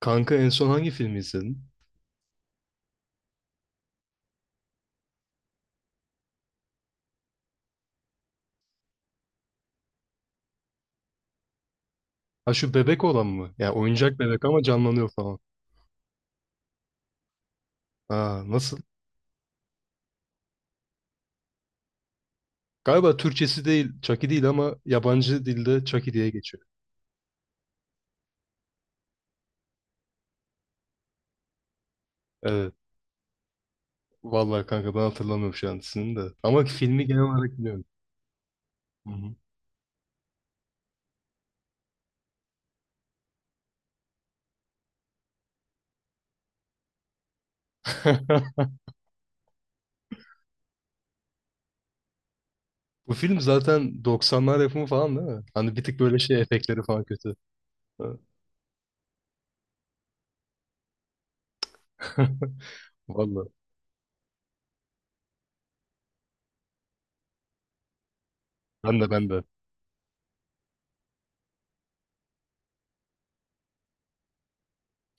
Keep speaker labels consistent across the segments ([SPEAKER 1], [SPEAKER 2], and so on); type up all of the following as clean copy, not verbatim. [SPEAKER 1] Kanka en son hangi filmi izledin? Ha şu bebek olan mı? Ya oyuncak bebek ama canlanıyor falan. Ha nasıl? Galiba Türkçesi değil, Chucky değil ama yabancı dilde Chucky diye geçiyor. Evet. Vallahi kanka ben hatırlamıyorum şu an ismini de. Ama filmi genel olarak biliyorum. Hı hı. Bu film zaten 90'lar yapımı falan değil mi? Hani bir tık böyle şey efektleri falan kötü. Ha. Vallahi. Ben de.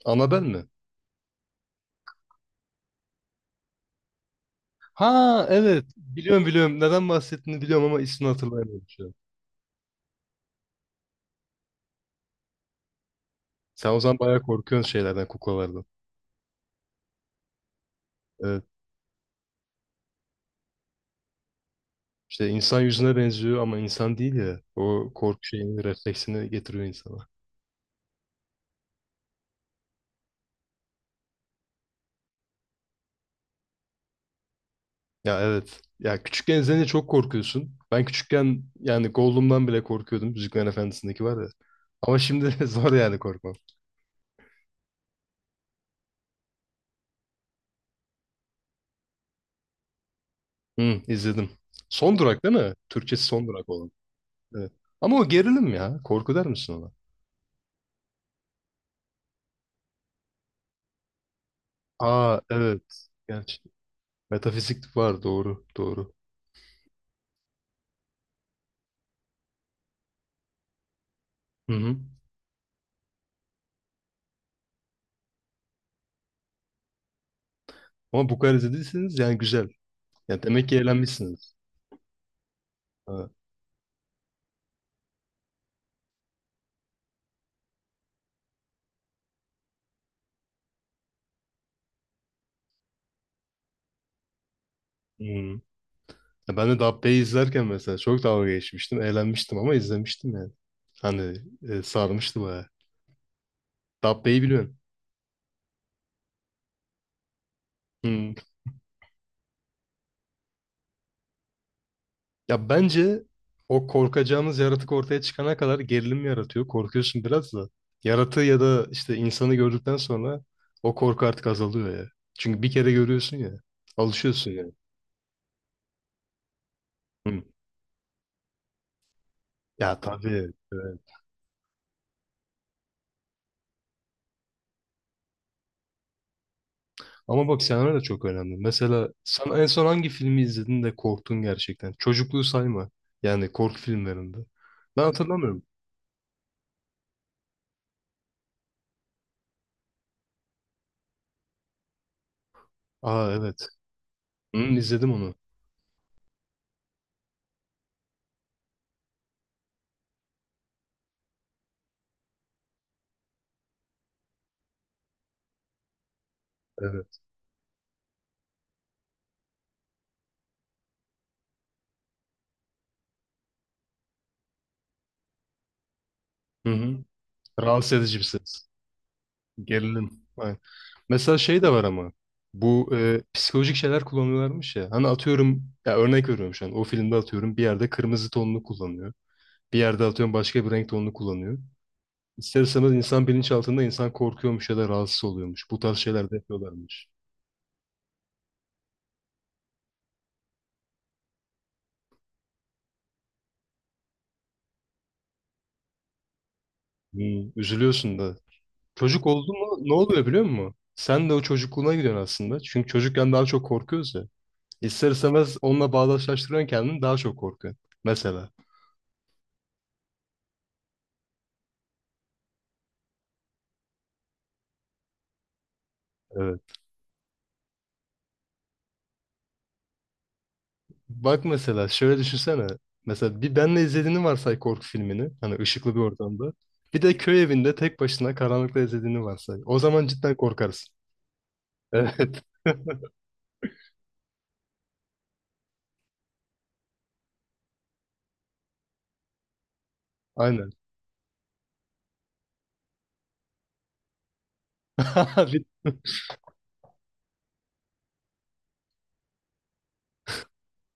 [SPEAKER 1] Annabelle mi? Ha evet. Biliyorum biliyorum. Neden bahsettiğini biliyorum ama ismini hatırlayamıyorum şu an. Sen o zaman bayağı korkuyorsun şeylerden, kuklalardan. Evet. İşte insan yüzüne benziyor ama insan değil ya. O korku şeyini, refleksini getiriyor insana. Ya evet. Ya küçükken izleyince çok korkuyorsun. Ben küçükken yani Gollum'dan bile korkuyordum. Yüzüklerin Efendisi'ndeki var ya. Ama şimdi zor yani korkmam. Hı, izledim. Son durak değil mi? Türkçesi son durak olan. Evet. Ama o gerilim ya. Korku der misin ona? Aa evet. Gerçi. Metafizik var. Doğru. Doğru. Hı hı. Ama bu kadar izlediyseniz yani güzel. Ya demek ki eğlenmişsiniz. Ha. Hmm. Ya ben de Dabbe'yi izlerken mesela çok dalga geçmiştim. Eğlenmiştim ama izlemiştim yani. Hani sarmıştı bayağı. Dabbe'yi biliyorum. Hmm. Ya bence o korkacağımız yaratık ortaya çıkana kadar gerilim yaratıyor. Korkuyorsun biraz da. Yaratığı ya da işte insanı gördükten sonra o korku artık azalıyor ya. Çünkü bir kere görüyorsun ya. Alışıyorsun yani. Hmm. Ya tabii. Evet. Ama bak senaryo da çok önemli. Mesela sen en son hangi filmi izledin de korktun gerçekten? Çocukluğu sayma. Yani korku filmlerinde. Ben hatırlamıyorum. Aa evet. Hı, izledim onu. Evet. Hı hı. Rahatsız edici bir ses. Gerilim. Aynen. Mesela şey de var ama. Bu psikolojik şeyler kullanıyorlarmış ya. Hani atıyorum ya örnek veriyorum şu an. O filmde atıyorum bir yerde kırmızı tonunu kullanıyor. Bir yerde atıyorum başka bir renk tonunu kullanıyor. İster istemez insan bilinçaltında insan korkuyormuş ya da rahatsız oluyormuş. Bu tarz şeyler de yapıyorlarmış. Hmm, üzülüyorsun da. Çocuk oldu mu ne oluyor biliyor musun? Sen de o çocukluğuna gidiyorsun aslında. Çünkü çocukken daha çok korkuyoruz ya. İster istemez onunla bağdaşlaştırıyorsun kendini daha çok korkuyorsun. Mesela. Evet. Bak mesela şöyle düşünsene. Mesela bir benle izlediğini varsay korku filmini. Hani ışıklı bir ortamda. Bir de köy evinde tek başına karanlıkta izlediğini varsay. O zaman cidden korkarsın. Evet. Aynen.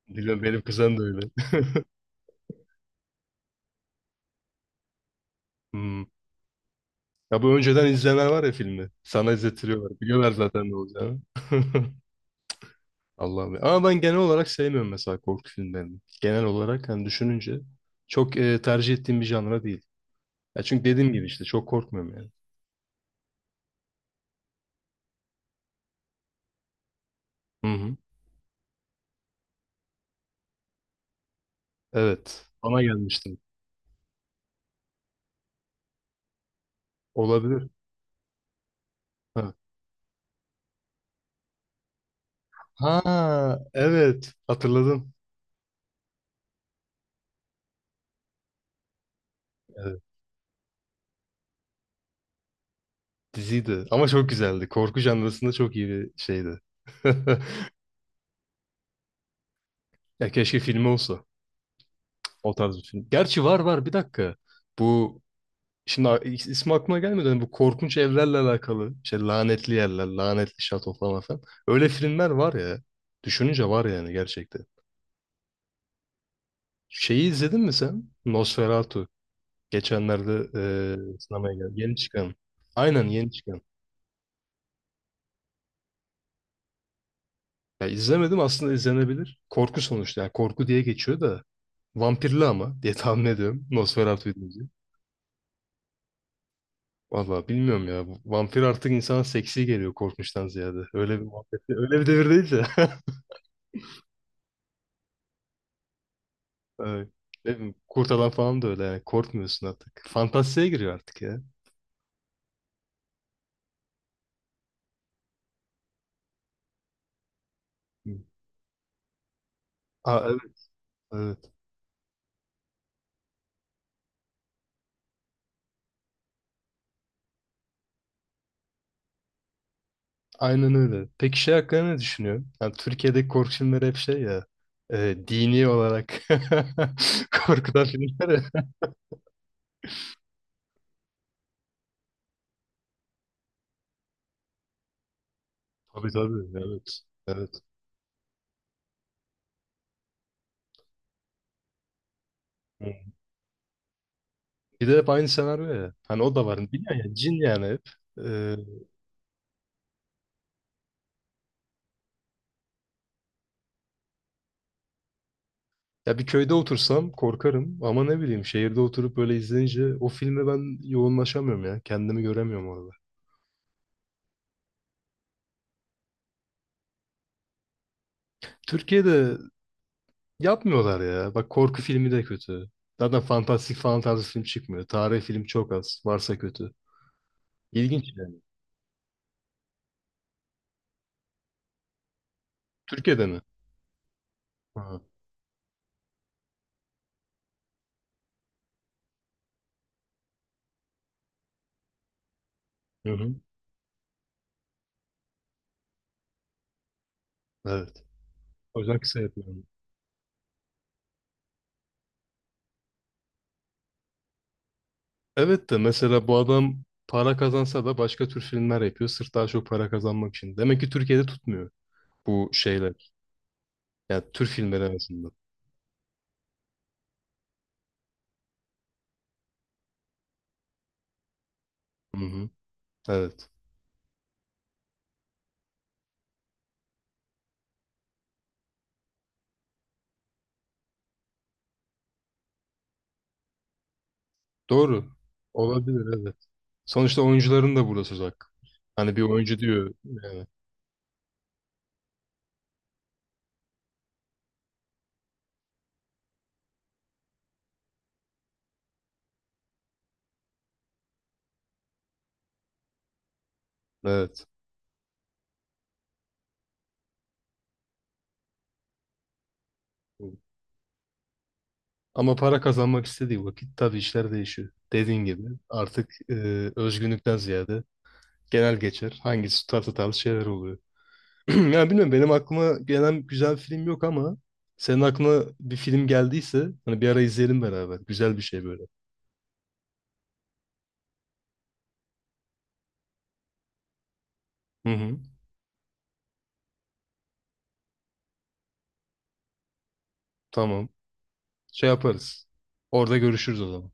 [SPEAKER 1] Biliyorum benim kuzen de öyle. Hmm. Ya bu önceden izlemeler var ya filmi. Sana izlettiriyorlar. Biliyorlar zaten ne olacağını. Allah'ım ya. Ama ben genel olarak sevmiyorum mesela korku filmlerini. Genel olarak hani düşününce çok tercih ettiğim bir janra değil. Ya çünkü dediğim gibi işte çok korkmuyorum yani. Hı hı. Evet. Bana gelmiştim. Olabilir. Ha. Ha, evet. Hatırladım. Evet. Diziydi. Ama çok güzeldi. Korku janrasında çok iyi bir şeydi. Ya keşke filmi olsa. O tarz bir film. Gerçi var var bir dakika. Bu Şimdi a- is- ismi aklıma gelmedi. Hani bu korkunç evlerle alakalı. İşte lanetli yerler, lanetli şato falan falan. Öyle filmler var ya. Düşününce var yani gerçekten. Şeyi izledin mi sen? Nosferatu. Geçenlerde sinemaya geldi. Yeni çıkan. Aynen yeni çıkan. Ya izlemedim aslında izlenebilir. Korku sonuçta. Yani korku diye geçiyor da. Vampirli ama diye tahmin ediyorum. Nosferatu deyince. Valla bilmiyorum ya. Bu vampir artık insana seksi geliyor korkmuştan ziyade. Öyle bir muhabbet. Öyle bir devirdeyiz ya. Evet. Değil mi? Kurt adam falan da öyle yani. Korkmuyorsun artık. Fantastiğe giriyor artık ya. Hı. Aa, evet, evet. Aynen öyle. Peki şey hakkında ne düşünüyorsun? Yani Türkiye'deki korku filmleri hep şey ya. Dini olarak korkudan filmler ya. Tabii tabii. Evet. Evet. Hı. Bir de hep aynı senaryo ya. Hani o da var. Biliyorsun ya cin yani hep. Ee, Ya bir köyde otursam korkarım ama ne bileyim şehirde oturup böyle izleyince o filme ben yoğunlaşamıyorum ya. Kendimi göremiyorum orada. Türkiye'de yapmıyorlar ya. Bak korku filmi de kötü. Zaten fantastik falan tarzı film çıkmıyor. Tarih film çok az. Varsa kötü. İlginç yani. Türkiye'de mi? Ha. Hı hı. Evet. O yüzden kısa yapıyorum. Evet de mesela bu adam para kazansa da başka tür filmler yapıyor. Sırf daha çok para kazanmak için. Demek ki Türkiye'de tutmuyor bu şeyler. Yani tür filmleri en azından. Hı hı. Evet. Doğru. Olabilir evet. Sonuçta oyuncuların da burada söz hakkı. Hani bir oyuncu diyor yani. Evet. Ama para kazanmak istediği vakit tabii işler değişiyor. Dediğin gibi artık özgünlükten ziyade genel geçer. Hangisi tutar tutarlı şeyler oluyor. Yani bilmiyorum benim aklıma gelen güzel bir film yok ama senin aklına bir film geldiyse hani bir ara izleyelim beraber. Güzel bir şey böyle. Hı hı. Tamam. Şey yaparız. Orada görüşürüz o zaman.